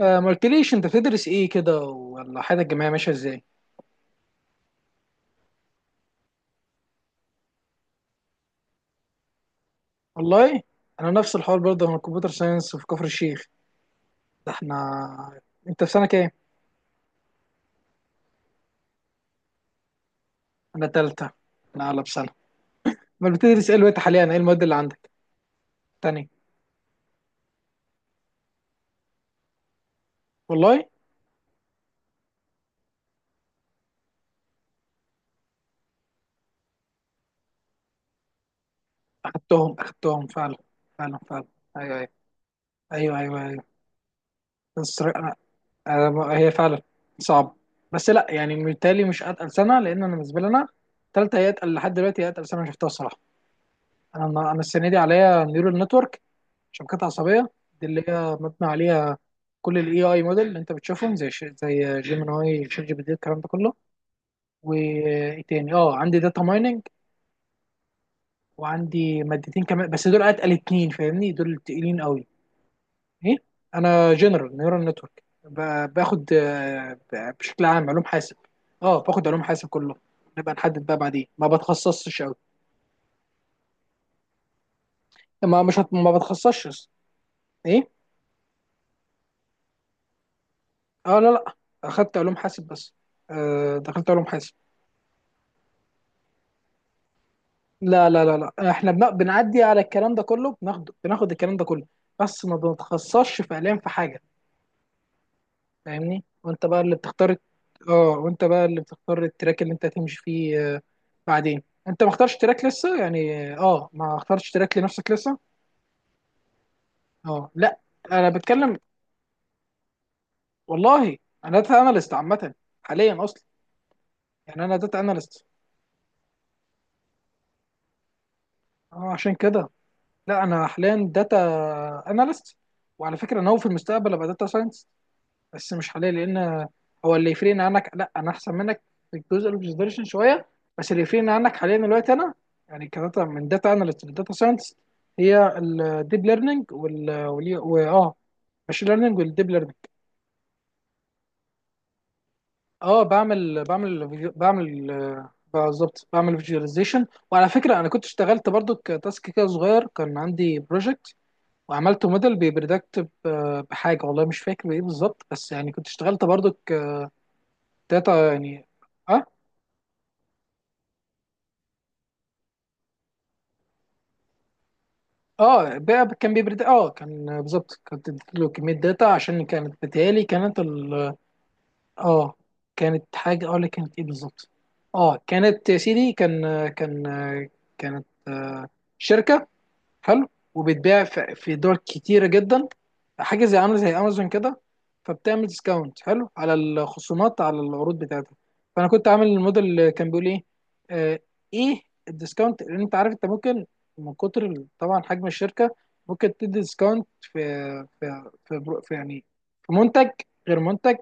آه، ما قلتليش انت بتدرس ايه كده، ولا حياتك الجامعيه ماشيه ازاي؟ والله انا نفس الحوار برضه، انا كمبيوتر ساينس في كفر الشيخ. ده احنا، انت في سنه كام؟ انا تالتة، انا اعلى بسنه. ما بتدرس ايه دلوقتي حاليا، ايه المواد اللي عندك تاني؟ والله اخدتهم فعلا. فعلا. ايوه ايوه ايوه، أيوة. بس أنا... أنا... هي فعلا صعب. بس لا يعني بالتالي مش اتقل سنه، لان انا بالنسبه لي انا تالتة هي اتقل لحد دلوقتي، هي اتقل سنه شفتها الصراحه. انا انا السنه دي عليا نيورال نتورك، شبكات عصبيه، دي اللي هي مبنى عليها كل الاي اي موديل اللي انت بتشوفهم، زي زي جيميناي، شات جي بي تي، الكلام ده كله. وايه تاني، اه عندي داتا مايننج، وعندي مادتين كمان، بس دول اتقل اتنين فاهمني، دول تقيلين قوي. ايه، انا جنرال نيورال نتورك. باخد بشكل عام علوم حاسب. اه باخد علوم حاسب كله، نبقى نحدد بقى بعدين، ما بتخصصش قوي. ما مش هت... ما بتخصصش. ايه؟ اه لا، اخدت علوم حاسب بس. آه دخلت علوم حاسب. لا، احنا بنعدي على الكلام ده كله، بناخده، بناخد الكلام ده كله، بس ما بنتخصصش فعليا في حاجه، فاهمني؟ وانت بقى اللي بتختار. اه، وانت بقى اللي بتختار التراك اللي انت هتمشي فيه. بعدين انت ما اخترتش تراك لسه يعني، اه ما اخترتش تراك لنفسك لسه. اه لا، انا بتكلم. والله انا داتا اناليست عامه حاليا اصلا. يعني انا داتا اناليست. اه عشان كده لا، انا حاليا داتا اناليست. وعلى فكره ناوي في المستقبل ابقى داتا ساينس، بس مش حاليا. لان هو اللي يفرقني عنك، لا انا احسن منك في الجزء الاوبزرفيشن شويه، بس اللي يفرقني عنك حاليا دلوقتي انا، يعني كداتا، من داتا اناليست لداتا ساينس، هي الديب ليرنينج وال ماشين ليرنينج والديب ليرنينج. اه بعمل فيديو، بعمل بالظبط بعمل فيجواليزيشن. وعلى فكره انا كنت اشتغلت برضو كتاسك كده صغير، كان عندي بروجكت وعملت موديل بيبريدكت بحاجه، والله مش فاكر بايه بالظبط، بس يعني كنت اشتغلت برضو كداتا يعني. اه. اه بقى كان بيبرد، اه كان بالظبط، كنت له كميه داتا عشان كانت بتهيألي كانت ال اه كانت حاجه، اه لا كانت ايه بالظبط، اه كانت يا سيدي، كان كانت شركه حلو، وبيتباع في دول كتيره جدا، حاجه زي عامله زي امازون كده، فبتعمل ديسكاونت حلو على الخصومات على العروض بتاعتها. فانا كنت عامل الموديل اللي كان بيقول ايه آه ايه الديسكاونت، لان انت عارف انت ممكن من كتر طبعا حجم الشركه ممكن تدي ديسكاونت في في يعني في منتج غير منتج،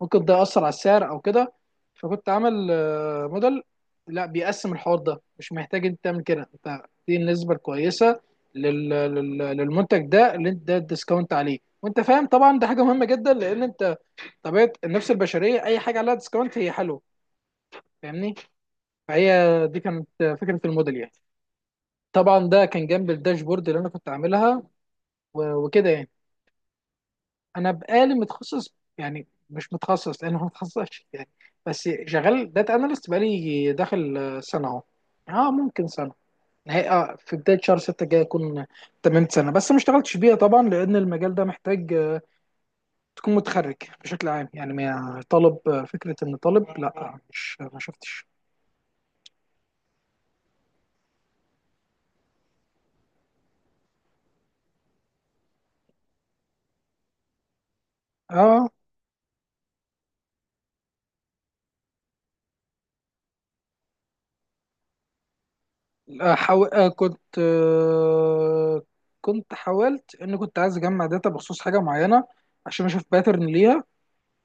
ممكن ده يأثر على السعر او كده. فكنت عامل موديل لا بيقسم الحوار ده، مش محتاج انت تعمل كده، انت دي النسبه الكويسه للمنتج ده اللي انت ده الديسكاونت عليه، وانت فاهم طبعا ده حاجه مهمه جدا، لان انت طبيعه النفس البشريه اي حاجه عليها ديسكاونت هي حلوه، فاهمني؟ فهي دي كانت فكره الموديل يعني. طبعا ده كان جنب الداشبورد اللي انا كنت عاملها. وكده يعني. انا بقالي متخصص، يعني مش متخصص لان انا ما متخصصش يعني، بس شغال داتا اناليست بقالي داخل سنه اهو. اه ممكن سنه، نهاية اه في بدايه شهر 6 الجاي اكون تممت سنه، بس ما اشتغلتش بيها طبعا لان المجال ده محتاج تكون متخرج بشكل عام يعني، ما طالب. فكرة ان طالب لا، مش ما شفتش. اه لا، آه كنت، آه كنت حاولت ان كنت عايز اجمع داتا بخصوص حاجة معينة عشان اشوف باترن ليها.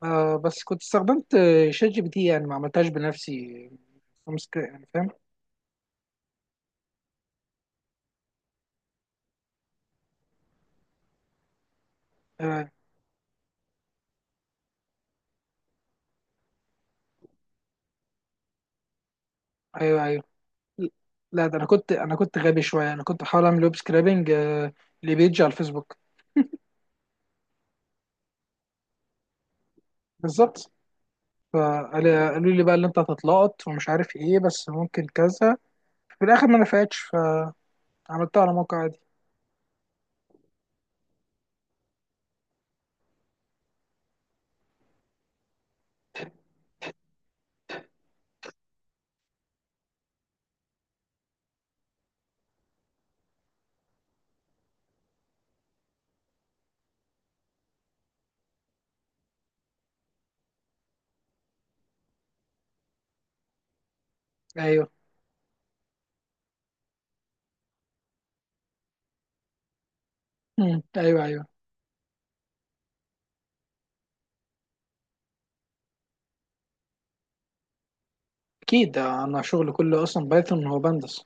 آه بس كنت استخدمت شات جي بي تي، يعني ما عملتهاش بنفسي، امسك يعني فاهم. آه ايوه ايوه. لا ده انا كنت غبي شوية، انا كنت بحاول اعمل ويب سكرابنج لبيج على الفيسبوك. بالظبط. فقالوا لي بقى اللي انت هتتلقط ومش عارف ايه، بس ممكن كذا. في الاخر ما نفعتش. فعملتها على موقع عادي. ايوه. مم. ايوه ايوه. اكيد انا شغلي كله اصلا بايثون هو بندس.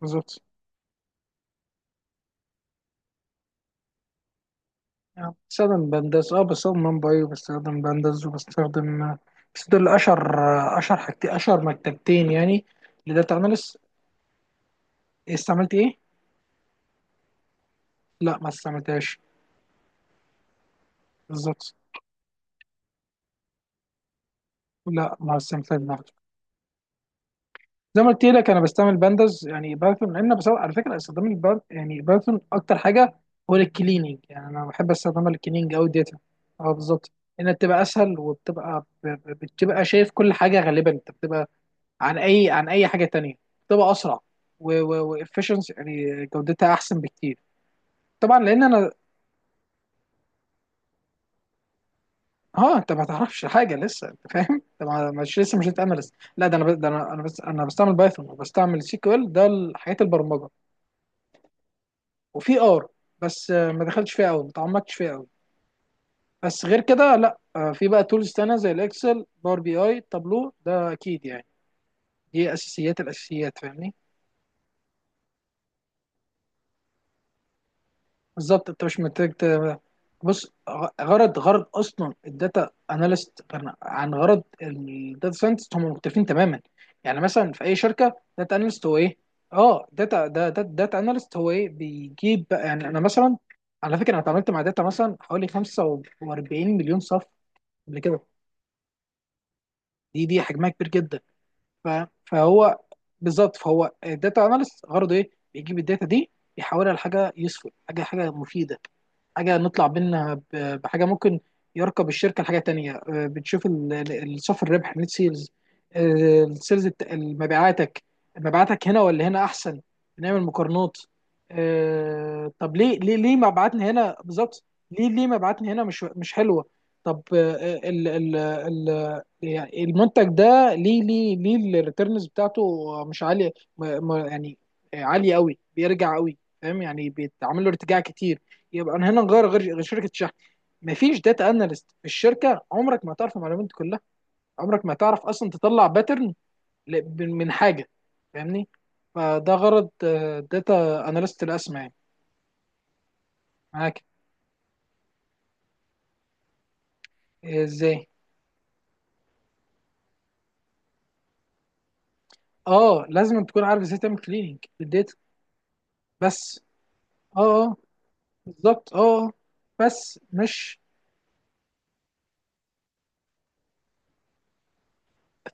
بالظبط. يعني بستخدم بندس، اه بستخدم ممباي وبستخدم بندس وبستخدم، بس دول اشهر، اشهر حاجتين، اشهر مكتبتين يعني. لداتا اناليست. استعملت ايه؟ لا ما استعملتهاش. بالظبط. لا ما استعملتهاش. زي ما قلت لك انا بستعمل بانداز، يعني بايثون لان، بس على فكره استخدام الباند يعني بايثون اكتر حاجه، هو للكليننج، يعني انا بحب استخدمها للكليننج او داتا. اه بالظبط. انها بتبقى اسهل، وبتبقى بتبقى شايف كل حاجه غالبا انت بتبقى، عن اي حاجه تانية بتبقى اسرع، وافشنس يعني جودتها احسن بكتير. طبعا لان انا. اه انت ما تعرفش حاجه لسه انت فاهم، انت مش لسه مش اناليست. لا ده انا ب- ده انا انا بس انا بستعمل بايثون وبستعمل سيكوال، ده الحاجات البرمجه. وفي ار، بس ما دخلتش فيها قوي، ما تعمقتش فيها قوي. بس غير كده لا، في بقى تولز تانية زي الاكسل، باور بي اي، تابلو، ده اكيد يعني دي اساسيات الاساسيات، فاهمني؟ بالظبط، انت مش محتاج بص، غرض، غرض اصلا الداتا اناليست عن غرض الداتا ساينتست هم مختلفين تماما. يعني مثلا في اي شركه، داتا اناليست هو ايه، اه داتا اناليست هو ايه، بيجيب بقى، يعني انا مثلا على فكره انا اتعاملت مع داتا مثلا حوالي 45 مليون صف قبل كده، دي حجمها كبير جدا. فهو بالظبط، فهو الداتا اناليست غرضه ايه؟ بيجيب الداتا دي يحولها لحاجه يوسفول، حاجه حاجه مفيده، حاجه نطلع منها بحاجه ممكن يركب الشركه لحاجه تانية. بتشوف الصافي الربح، نت سيلز، السيلز مبيعاتك، مبيعاتك هنا ولا هنا احسن، بنعمل مقارنات. طب ليه ليه مبيعاتنا هنا بالظبط، ليه مبيعاتنا هنا مش مش حلوه. طب ال يعني المنتج ده ليه ليه الريتيرنز بتاعته مش عاليه، ما ما يعني عاليه قوي، بيرجع قوي، فاهم يعني بيتعمل له ارتجاع كتير. يبقى انا هنا نغير غير غير شركه الشحن. مفيش داتا اناليست في الشركه عمرك ما هتعرف المعلومات دي كلها، عمرك ما هتعرف اصلا تطلع باترن من حاجه، فاهمني؟ فده غرض داتا اناليست، الاسمى يعني. معاك. ازاي؟ اه لازم تكون عارف ازاي تعمل كليننج للداتا. بس. اه بالظبط، اه آه. بس مش.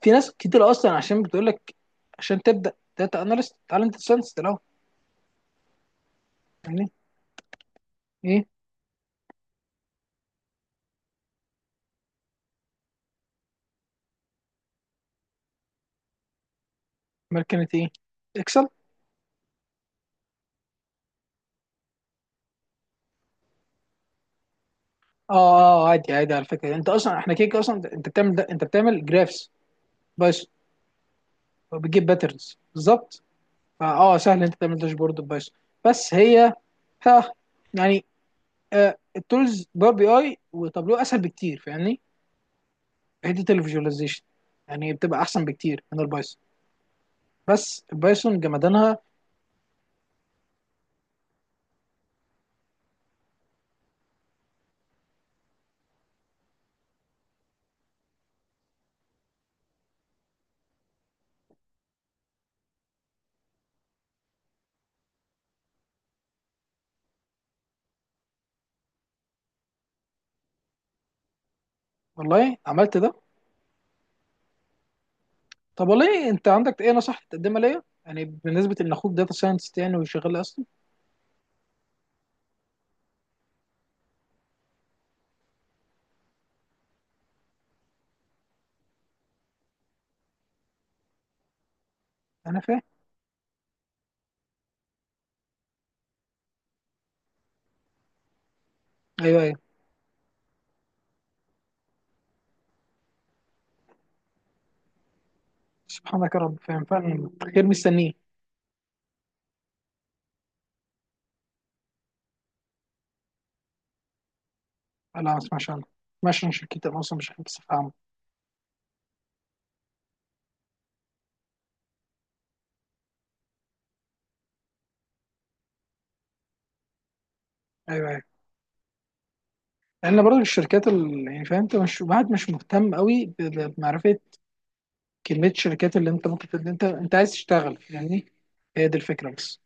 في ناس كتير اصلا عشان بتقول لك عشان تبدا داتا اناليست تعالى انت ساينس الاول. يعني ايه؟ ماركنت ايه؟ اكسل اه. اه عادي عادي، على فكره انت اصلا احنا كده كده اصلا انت بتعمل ده، انت بتعمل جرافس بس، وبتجيب باترنز بالظبط، فاه سهل انت تعمل داشبورد بس. بس هي، ها، يعني التولز باور بي اي وتابلو اسهل بكتير فاهمني، في حته الفيجواليزيشن يعني بتبقى احسن بكتير من البايثون. بس البايثون جمدانها. والله عملت ده. طب والله انت عندك ايه نصيحه تقدمها ليا يعني، بالنسبه ان اخوك داتا ساينتست يعني وشغال اصلا. انا فاهم. ايوه ايوه. سبحانك يا رب، فاهم فعلا، خير مستنيه. لا ما اسمعش عنه، ما اسمعش عن شركتي انا اصلا مش بس فاهم. ايوه ايوه. لان برضه الشركات ال... يعني فاهم انت مش بعد مش مهتم قوي بمعرفه كميه الشركات اللي انت ممكن انت انت عايز تشتغل يعني. هي دي الفكره بس.